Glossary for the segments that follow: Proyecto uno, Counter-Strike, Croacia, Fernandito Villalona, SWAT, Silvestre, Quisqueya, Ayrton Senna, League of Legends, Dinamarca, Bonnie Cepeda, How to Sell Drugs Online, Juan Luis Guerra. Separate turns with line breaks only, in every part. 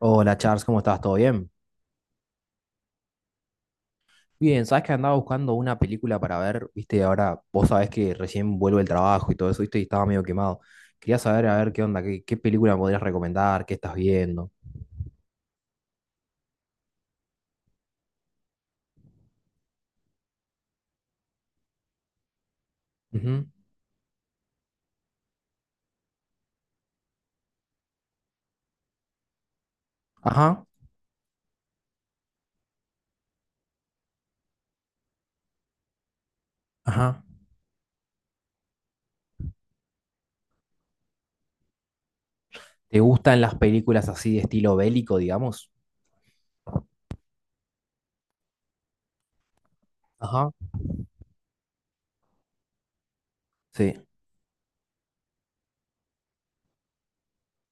Hola Charles, ¿cómo estás? ¿Todo bien? Bien, sabes que andaba buscando una película para ver, viste, ahora vos sabés que recién vuelvo del trabajo y todo eso, viste, y estaba medio quemado. Quería saber, a ver, qué onda, qué película me podrías recomendar, qué estás viendo. Ujú. Ajá, ajá. ¿Te gustan las películas así de estilo bélico, digamos? Ajá. Sí.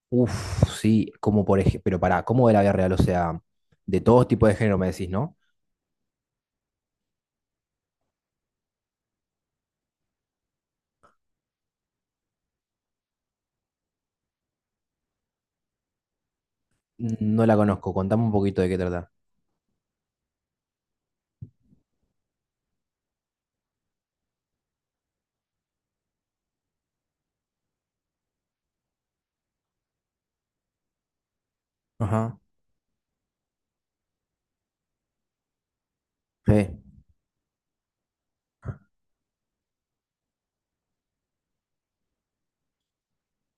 Uf, sí, como por ejemplo, pero pará, ¿cómo de la vida real? O sea, de todos tipos de género me decís, ¿no? No la conozco, contame un poquito de qué trata. Ajá. Sí.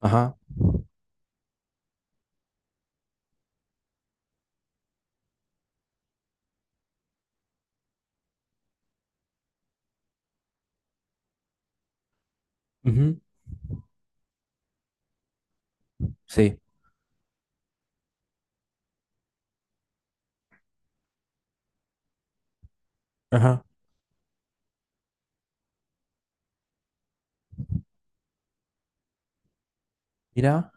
Ajá. Ujú. Sí. Ajá. Mira,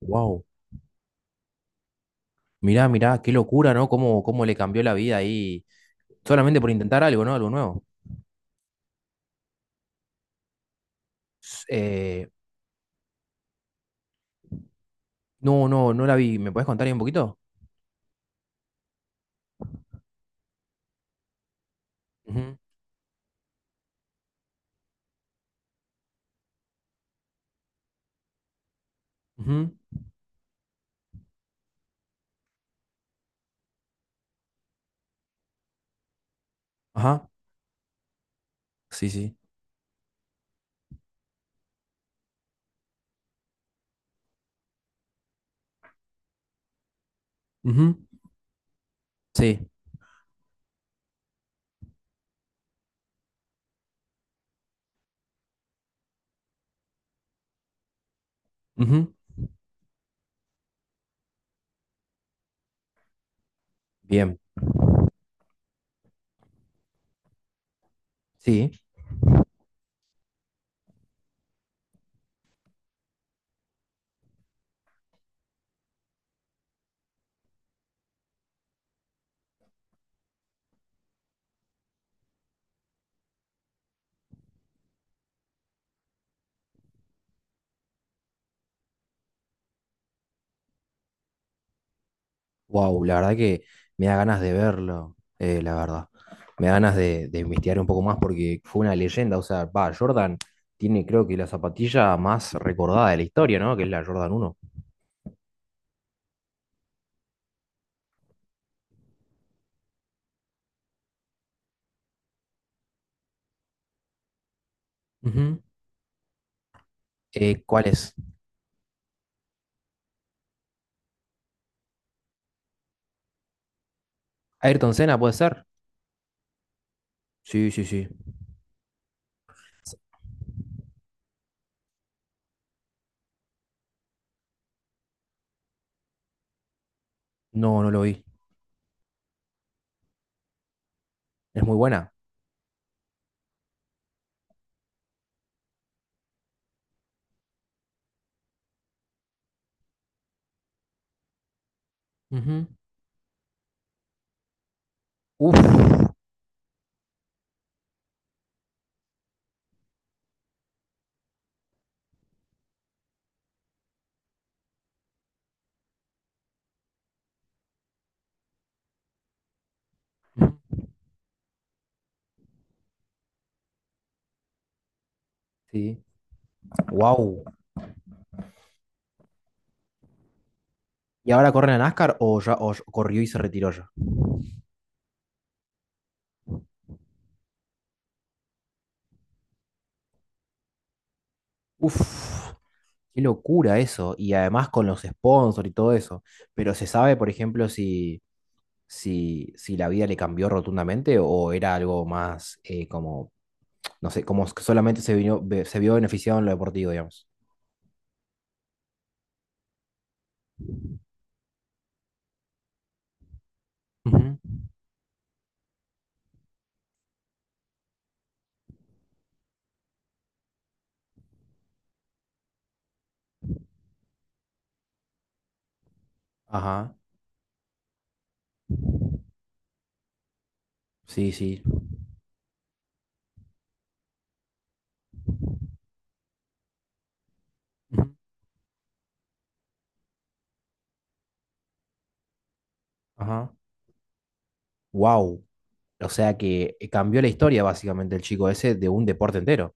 wow. Mira, mira, qué locura, ¿no? Cómo le cambió la vida ahí solamente por intentar algo, ¿no? Algo nuevo. S- eh, no, no, no la vi. ¿Me puedes contar ahí un poquito? Ujú, ujú. Ajá. Sí, sí. Ujú. Sí. Ujú. Bien. Sí. Wow, la verdad que me da ganas de verlo, la verdad. Me da ganas de investigar un poco más porque fue una leyenda. O sea, va, Jordan tiene creo que la zapatilla más recordada de la historia, ¿no? Que es la Jordan uno. Ujú. ¿Cuál es? Ayrton Senna, ¿puede ser? Sí, sí, sí. No, no lo vi. Es muy buena. Ujú. Uf. Ujú. Sí. Wow. ¿Y ahora corre en la NASCAR o ya corrió y se retiró ya? Uf, qué locura eso. Y además con los sponsors y todo eso. Pero se sabe, por ejemplo, si la vida le cambió rotundamente o era algo más como, no sé, como que solamente se vino, se vio beneficiado en lo deportivo, digamos. Ujú. Ajá. Sí, sí. Ujú. Ajá. Wow. O sea que cambió la historia básicamente el chico ese de un deporte entero.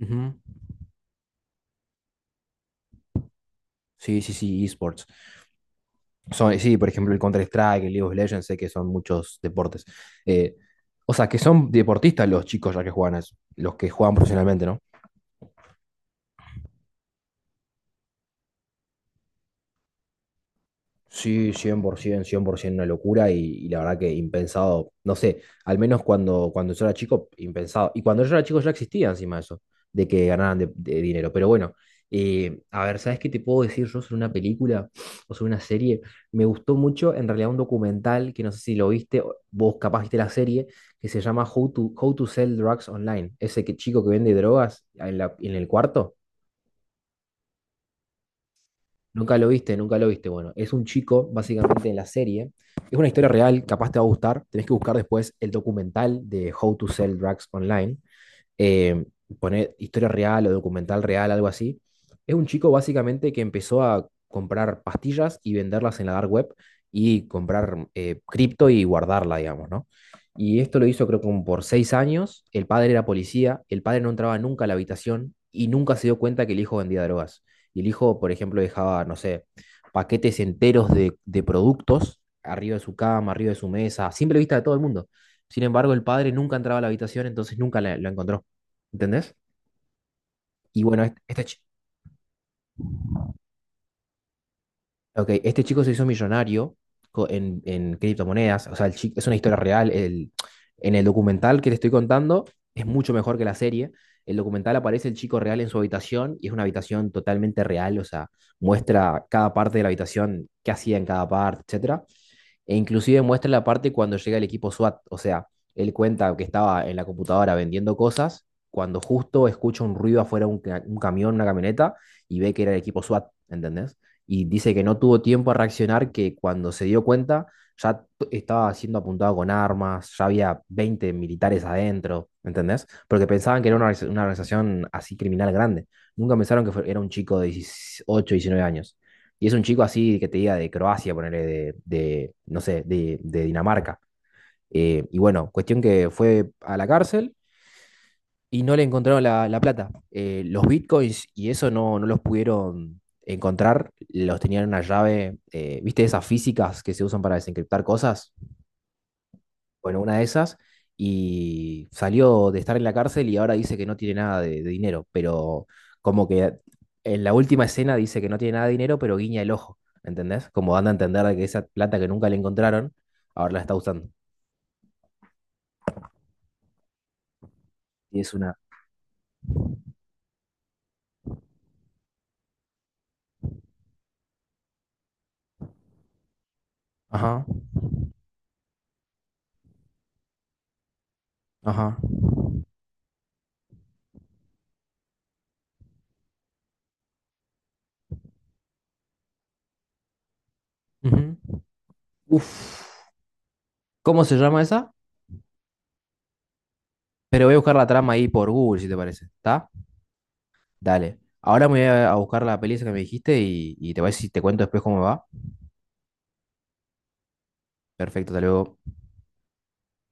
Ujú. Sí, sí, sí, esports. Son, sí, por ejemplo, el Counter-Strike, el League of Legends, sé que son muchos deportes. Eh, o sea, que son deportistas los chicos ya que juegan a eso, los que juegan profesionalmente, ¿no? Sí, cien por 100% una locura y la verdad que impensado, no sé, al menos cuando yo era chico, impensado. Y cuando yo era chico ya existía encima eso, de que ganaran de dinero. Pero bueno, a ver, ¿sabes qué te puedo decir yo sobre una película o sobre una serie? Me gustó mucho, en realidad, un documental que no sé si lo viste, o vos capaz viste la serie, que se llama How to Sell Drugs Online. Ese que, chico que vende drogas en el cuarto. Nunca lo viste, nunca lo viste. Bueno, es un chico, básicamente, en la serie. Es una historia real, capaz te va a gustar. Tenés que buscar después el documental de How to Sell Drugs Online, eh, poner historia real o documental real, algo así. Es un chico básicamente que empezó a comprar pastillas y venderlas en la dark web y comprar cripto y guardarla, digamos, ¿no? Y esto lo hizo creo que como por 6 años. El padre era policía, el padre no entraba nunca a la habitación y nunca se dio cuenta que el hijo vendía drogas. Y el hijo, por ejemplo, dejaba, no sé, paquetes enteros de productos arriba de su cama, arriba de su mesa, a simple vista de todo el mundo. Sin embargo, el padre nunca entraba a la habitación, entonces nunca lo encontró. ¿Entendés? Y bueno, ok, este chico se hizo millonario en criptomonedas, o sea, es una historia real, en el documental que te estoy contando es mucho mejor que la serie. El documental aparece el chico real en su habitación y es una habitación totalmente real, o sea, muestra cada parte de la habitación, qué hacía en cada parte, etcétera. E inclusive muestra la parte cuando llega el equipo SWAT. O sea, él cuenta que estaba en la computadora vendiendo cosas cuando justo escucha un ruido afuera, un camión, una camioneta, y ve que era el equipo SWAT, ¿entendés? Y dice que no tuvo tiempo a reaccionar, que cuando se dio cuenta ya estaba siendo apuntado con armas, ya había 20 militares adentro, ¿entendés? Porque pensaban que era una organización así criminal grande. Nunca pensaron que era un chico de 18, 19 años y es un chico así que te diga de Croacia, ponerle no sé, de Dinamarca. Y bueno, cuestión que fue a la cárcel y no le encontraron la plata. Los bitcoins y eso no, no los pudieron encontrar, los tenían en una llave, ¿viste esas físicas que se usan para desencriptar cosas? Bueno, una de esas. Y salió de estar en la cárcel y ahora dice que no tiene nada de dinero. Pero como que en la última escena dice que no tiene nada de dinero, pero guiña el ojo. ¿Entendés? Como dando a entender de que esa plata que nunca le encontraron, ahora la está usando. Y es una. Ajá, ajá. Ujú. Uf. ¿Cómo se llama esa? Pero voy a buscar la trama ahí por Google, si te parece. ¿Está? Dale. Ahora me voy a buscar la peli esa que me dijiste y te voy a decir, te cuento después cómo me va. Perfecto, hasta luego.